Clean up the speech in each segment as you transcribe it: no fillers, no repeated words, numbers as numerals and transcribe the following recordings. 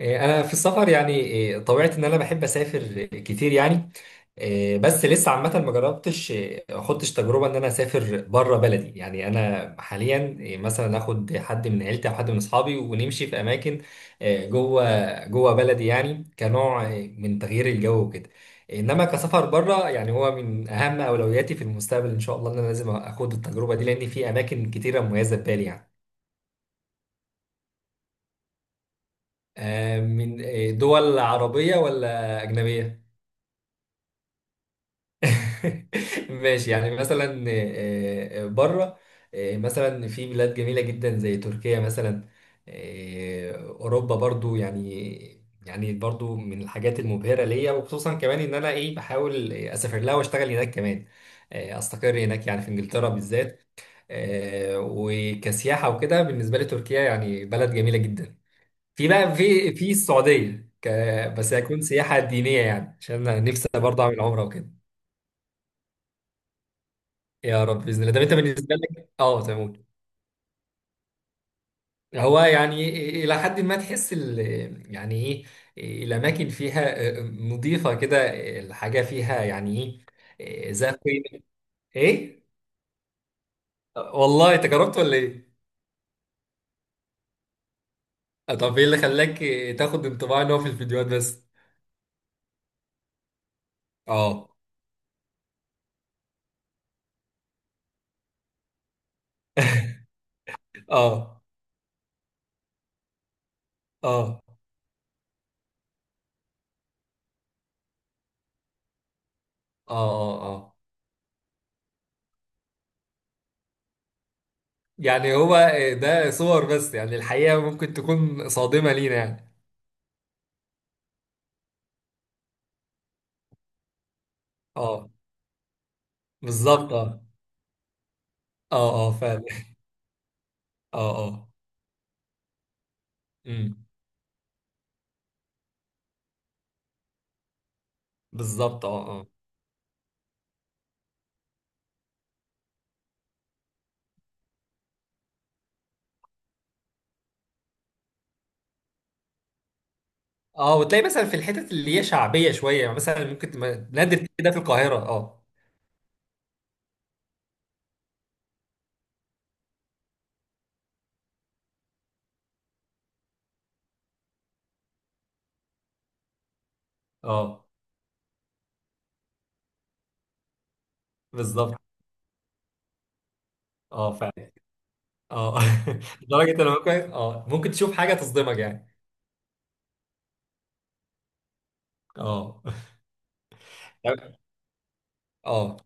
انا في السفر يعني إيه، طبيعتي ان انا بحب اسافر كتير يعني. بس لسه عامه ما جربتش، اخدتش تجربه ان انا اسافر بره بلدي يعني. انا حاليا مثلا اخد حد من عيلتي او حد من اصحابي ونمشي في اماكن جوه جوه بلدي، يعني كنوع من تغيير الجو وكده. انما كسفر بره يعني هو من اهم اولوياتي في المستقبل ان شاء الله، ان انا لازم اخد التجربه دي لان في اماكن كتيره مميزه في بالي يعني. من دول عربيه ولا اجنبيه؟ ماشي، يعني مثلا، بره. مثلا في بلاد جميلة جدا زي تركيا مثلا. أوروبا برضو يعني، برضو من الحاجات المبهرة ليا، وخصوصا كمان إن أنا بحاول أسافر لها وأشتغل هناك كمان. أستقر هناك، يعني في إنجلترا بالذات. وكسياحة وكده بالنسبة لي تركيا يعني بلد جميلة جدا. في بقى في في السعودية بس هيكون سياحة دينية، يعني عشان أنا نفسي برضه أعمل عمرة وكده. يا رب باذن الله. طب انت بالنسبه لك، اه، تمام. هو يعني الى حد ما تحس يعني ايه، الاماكن فيها نظيفه كده، الحاجه فيها يعني ايه ذات قيمه، ايه. والله انت جربت ولا ايه؟ طب ايه اللي خلاك تاخد انطباع ان هو في الفيديوهات بس؟ اه. اه اه اه. اه اه. يعني هو ده صور بس، يعني الحقيقة ممكن تكون صادمة لينا يعني. اه بالظبط. اه اه اه فعلا. اه اه. مم. بالظبط. اه اه اه. وتلاقي مثلا في الحتت اللي هي شعبيه شويه، يعني مثلا ممكن تبقى نادر تلاقي ده في القاهره، اه. اه بالظبط. اه فعلا. اه. لدرجه انا ممكن، اه، ممكن تشوف حاجه تصدمك يعني. اه. طب- اه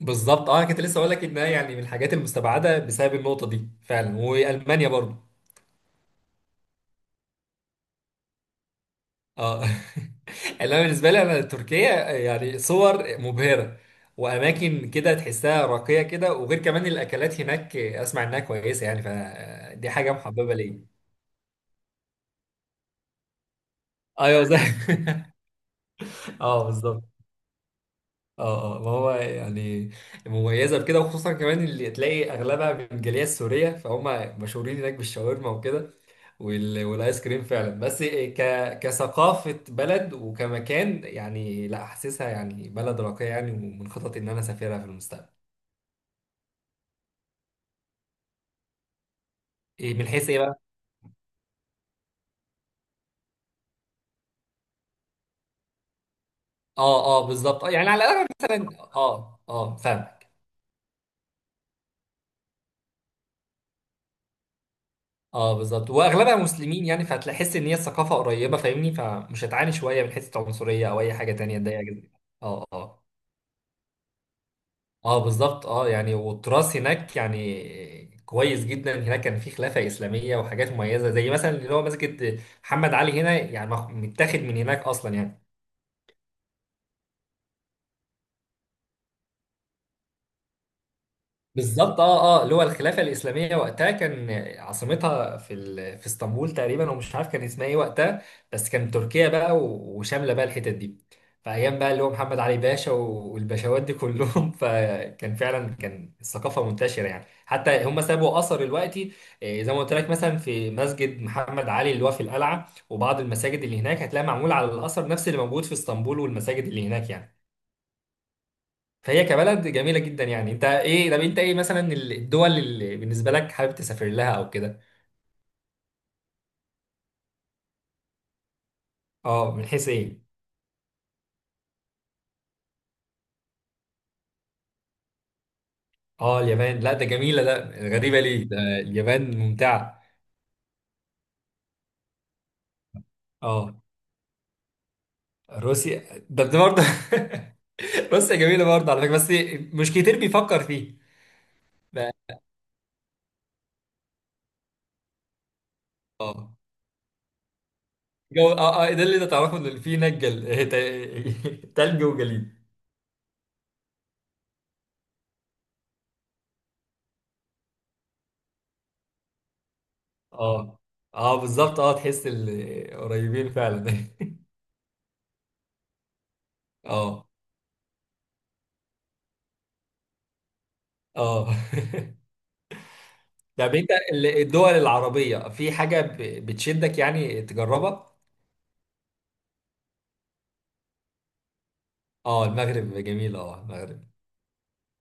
بالظبط. اه انا كنت لسه اقول لك انها يعني من الحاجات المستبعده بسبب النقطه دي فعلا، والمانيا برضو. اه. اللي انا بالنسبه لي انا تركيا، يعني صور مبهره، واماكن كده تحسها راقيه كده، وغير كمان الاكلات هناك اسمع انها كويسه، يعني فدي حاجه محببه ليا. ايوه زي. اه بالظبط. اه اه ما هو يعني مميزه بكده، وخصوصا كمان اللي تلاقي اغلبها من الجاليه السوريه، فهم مشهورين هناك بالشاورما وكده، والايس كريم فعلا. بس كثقافه بلد وكمكان، يعني لا حاسسها يعني بلد راقيه يعني، ومن خططي ان انا اسافرها في المستقبل. إيه، من حيث ايه بقى؟ اه اه بالظبط اه، يعني على الاغلب مثلا. اه اه فاهمك. اه بالظبط، واغلبها مسلمين يعني، فهتحس ان هي الثقافه قريبه، فاهمني، فمش هتعاني شويه من حته عنصريه او اي حاجه تانيه تضايقك. اه اه اه بالظبط اه، يعني والتراث هناك يعني كويس جدا، هناك كان في خلافة إسلامية وحاجات مميزة، زي مثلا اللي هو مسجد محمد علي هنا، يعني متاخد من هناك أصلا يعني. بالظبط اه اه، اللي هو الخلافه الاسلاميه وقتها كان عاصمتها في في اسطنبول تقريبا، ومش عارف كان اسمها ايه وقتها. بس كان تركيا بقى وشامله بقى الحتت دي. فايام بقى اللي هو محمد علي باشا والباشوات دي كلهم. فكان فعلا كان الثقافه منتشره، يعني حتى هم سابوا اثر دلوقتي. زي ما قلت لك مثلا في مسجد محمد علي اللي هو في القلعه وبعض المساجد اللي هناك، هتلاقي معمول على الاثر نفس اللي موجود في اسطنبول والمساجد اللي هناك يعني. فهي كبلد جميلة جدا يعني. انت ايه؟ طب انت ايه مثلا الدول اللي بالنسبة لك حابب تسافر لها او كده؟ اه من حيث ايه؟ اه اليابان، لا ده جميلة ده. غريبة ليه ده؟ اليابان ممتعة. اه. روسيا، ده برضه. روسيا جميلة برضه على فكرة، بس مش كتير بيفكر فيه. بقى- اه. جو، اه اه، ده اللي انت تعرفه ان في هناك تلج وجليد. اه اه بالظبط اه، تحس قريبين فعلا. اه اه. طب انت الدول العربية في حاجة بتشدك، يعني تجربها؟ اه المغرب جميل، اه المغرب.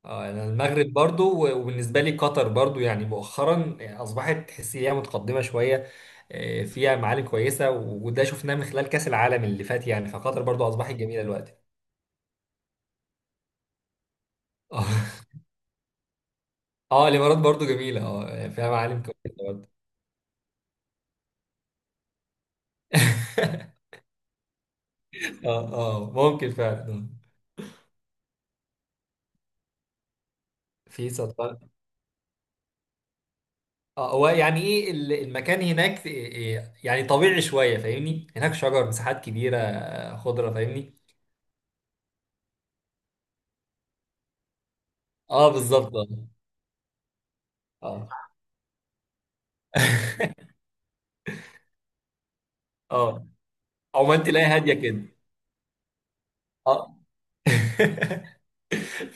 اه انا المغرب برضو، وبالنسبة لي قطر برضو، يعني مؤخرا اصبحت تحس ان هي متقدمة شوية، فيها معالم كويسة، وده شفناه من خلال كأس العالم اللي فات يعني، فقطر برضو اصبحت جميلة دلوقتي. اه. اه الامارات برضو جميلة، اه يعني فيها معالم كويسة برضو. اه اه ممكن فعلا، آه. في سلطنة. اه هو يعني ايه المكان هناك، إيه- إيه، يعني طبيعي شويه فاهمني، هناك شجر، مساحات كبيره، خضره فاهمني. اه بالظبط. اه اه. اه عمان تلاقي هاديه كده. اه.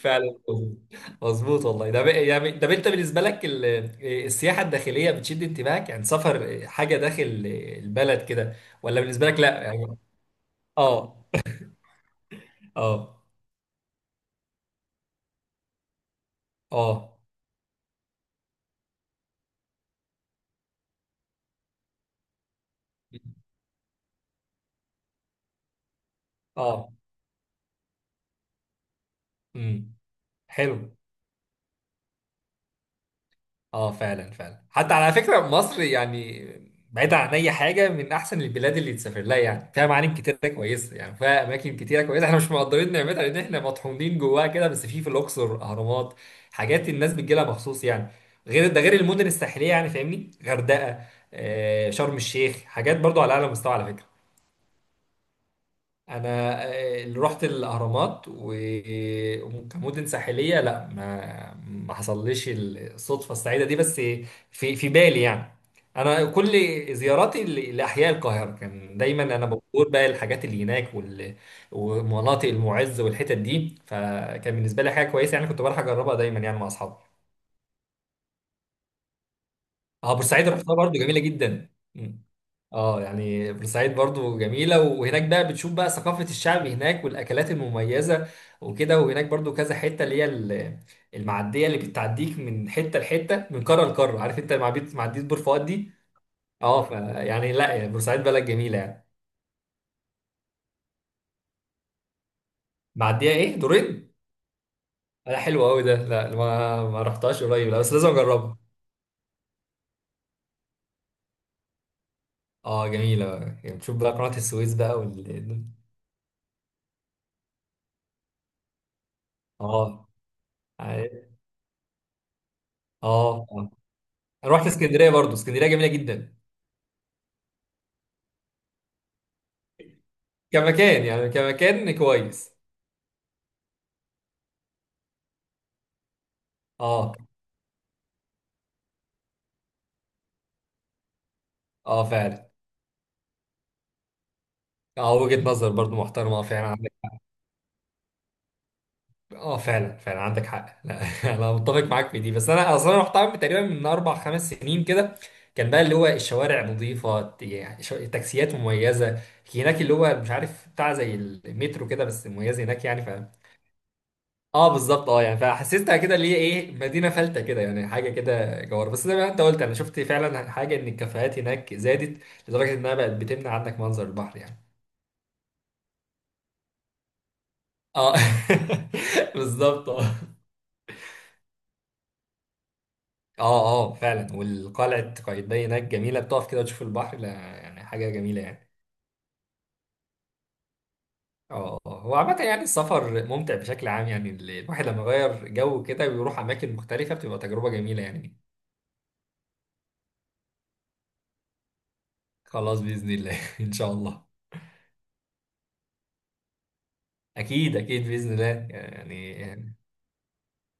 فعلا مظبوط. مظبوط والله. ده يعني ده انت بالنسبه لك ال- إيه، السياحه الداخليه بتشد انتباهك، يعني سفر حاجه داخل البلد كده، ولا بالنسبه لك لا يعني؟ اه اه اه اه. امم. حلو. اه فعلا فعلا. حتى على فكرة مصر يعني بعيد عن اي حاجة من احسن البلاد اللي تسافر لها، يعني فيها معالم كتيرة كويسة، يعني فيها اماكن كتيرة كويسة، احنا مش مقدرين نعمتها لان احنا مطحونين جواها كده، بس في، في الاقصر اهرامات، حاجات الناس بتجيلها مخصوص يعني، غير ده غير المدن الساحلية، يعني فاهمني غردقة، آه شرم الشيخ، حاجات برضو على اعلى مستوى على فكرة. انا اللي رحت الاهرامات، وكمدن ساحليه لا، ما حصلليش الصدفه السعيده دي، بس في، في بالي يعني. انا كل زياراتي لاحياء القاهره كان دايما، انا بزور بقى الحاجات اللي هناك، ومناطق المعز والحتت دي، فكان بالنسبه لي حاجه كويسه يعني، كنت بروح اجربها دايما يعني مع اصحابي. اه بورسعيد رحتها برضو جميله جدا. اه يعني بورسعيد برضو جميلة، وهناك بقى بتشوف بقى ثقافة الشعب هناك والأكلات المميزة وكده، وهناك برضو كذا حتة اللي هي المعدية اللي بتعديك من حتة لحتة، من قارة لقارة، عارف انت معدية، معدية بور فؤاد دي. اه فيعني لا يعني بورسعيد بلد جميلة يعني. معدية ايه دورين؟ لا حلو قوي ده، لا ما رحتهاش قريب لا، بس لازم اجربها. اه جميلة، يعني بتشوف بقى قناة السويس بقى اه اه اه. انا رحت اسكندرية برضو، اسكندرية جميلة جدا، كمكان يعني كمكان كويس. اه اه فعلا. اه وجهة نظر برضو محترمة، اه فعلا عندك. اه فعلا فعلا عندك حق لا. انا متفق معاك في دي، بس انا اصلا رحت عامل تقريبا من 4 5 سنين كده، كان بقى اللي هو الشوارع نظيفة، يعني تاكسيات مميزة هناك، اللي هو مش عارف بتاع زي المترو كده بس مميز هناك يعني. اه بالظبط اه يعني، فحسيتها كده اللي هي ايه مدينه فلته كده، يعني حاجه كده جوار، بس زي ما انت قلت انا شفت فعلا حاجه ان الكافيهات هناك زادت لدرجه انها بقت بتمنع عنك منظر البحر يعني. اه. بالظبط. اه اه اه فعلا، والقلعه قايتباي هناك جميله، بتقف كده وتشوف البحر، لا يعني حاجه جميله يعني. اه اه آه. هو عامة يعني السفر ممتع بشكل عام، يعني الواحد لما يغير جو كده ويروح أماكن مختلفة بتبقى تجربة جميلة يعني. خلاص بإذن الله. إن شاء الله. أكيد أكيد بإذن الله. يعني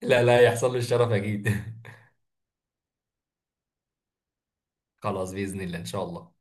لا، لا يحصل له الشرف اكيد. خلاص باذن الله ان شاء الله.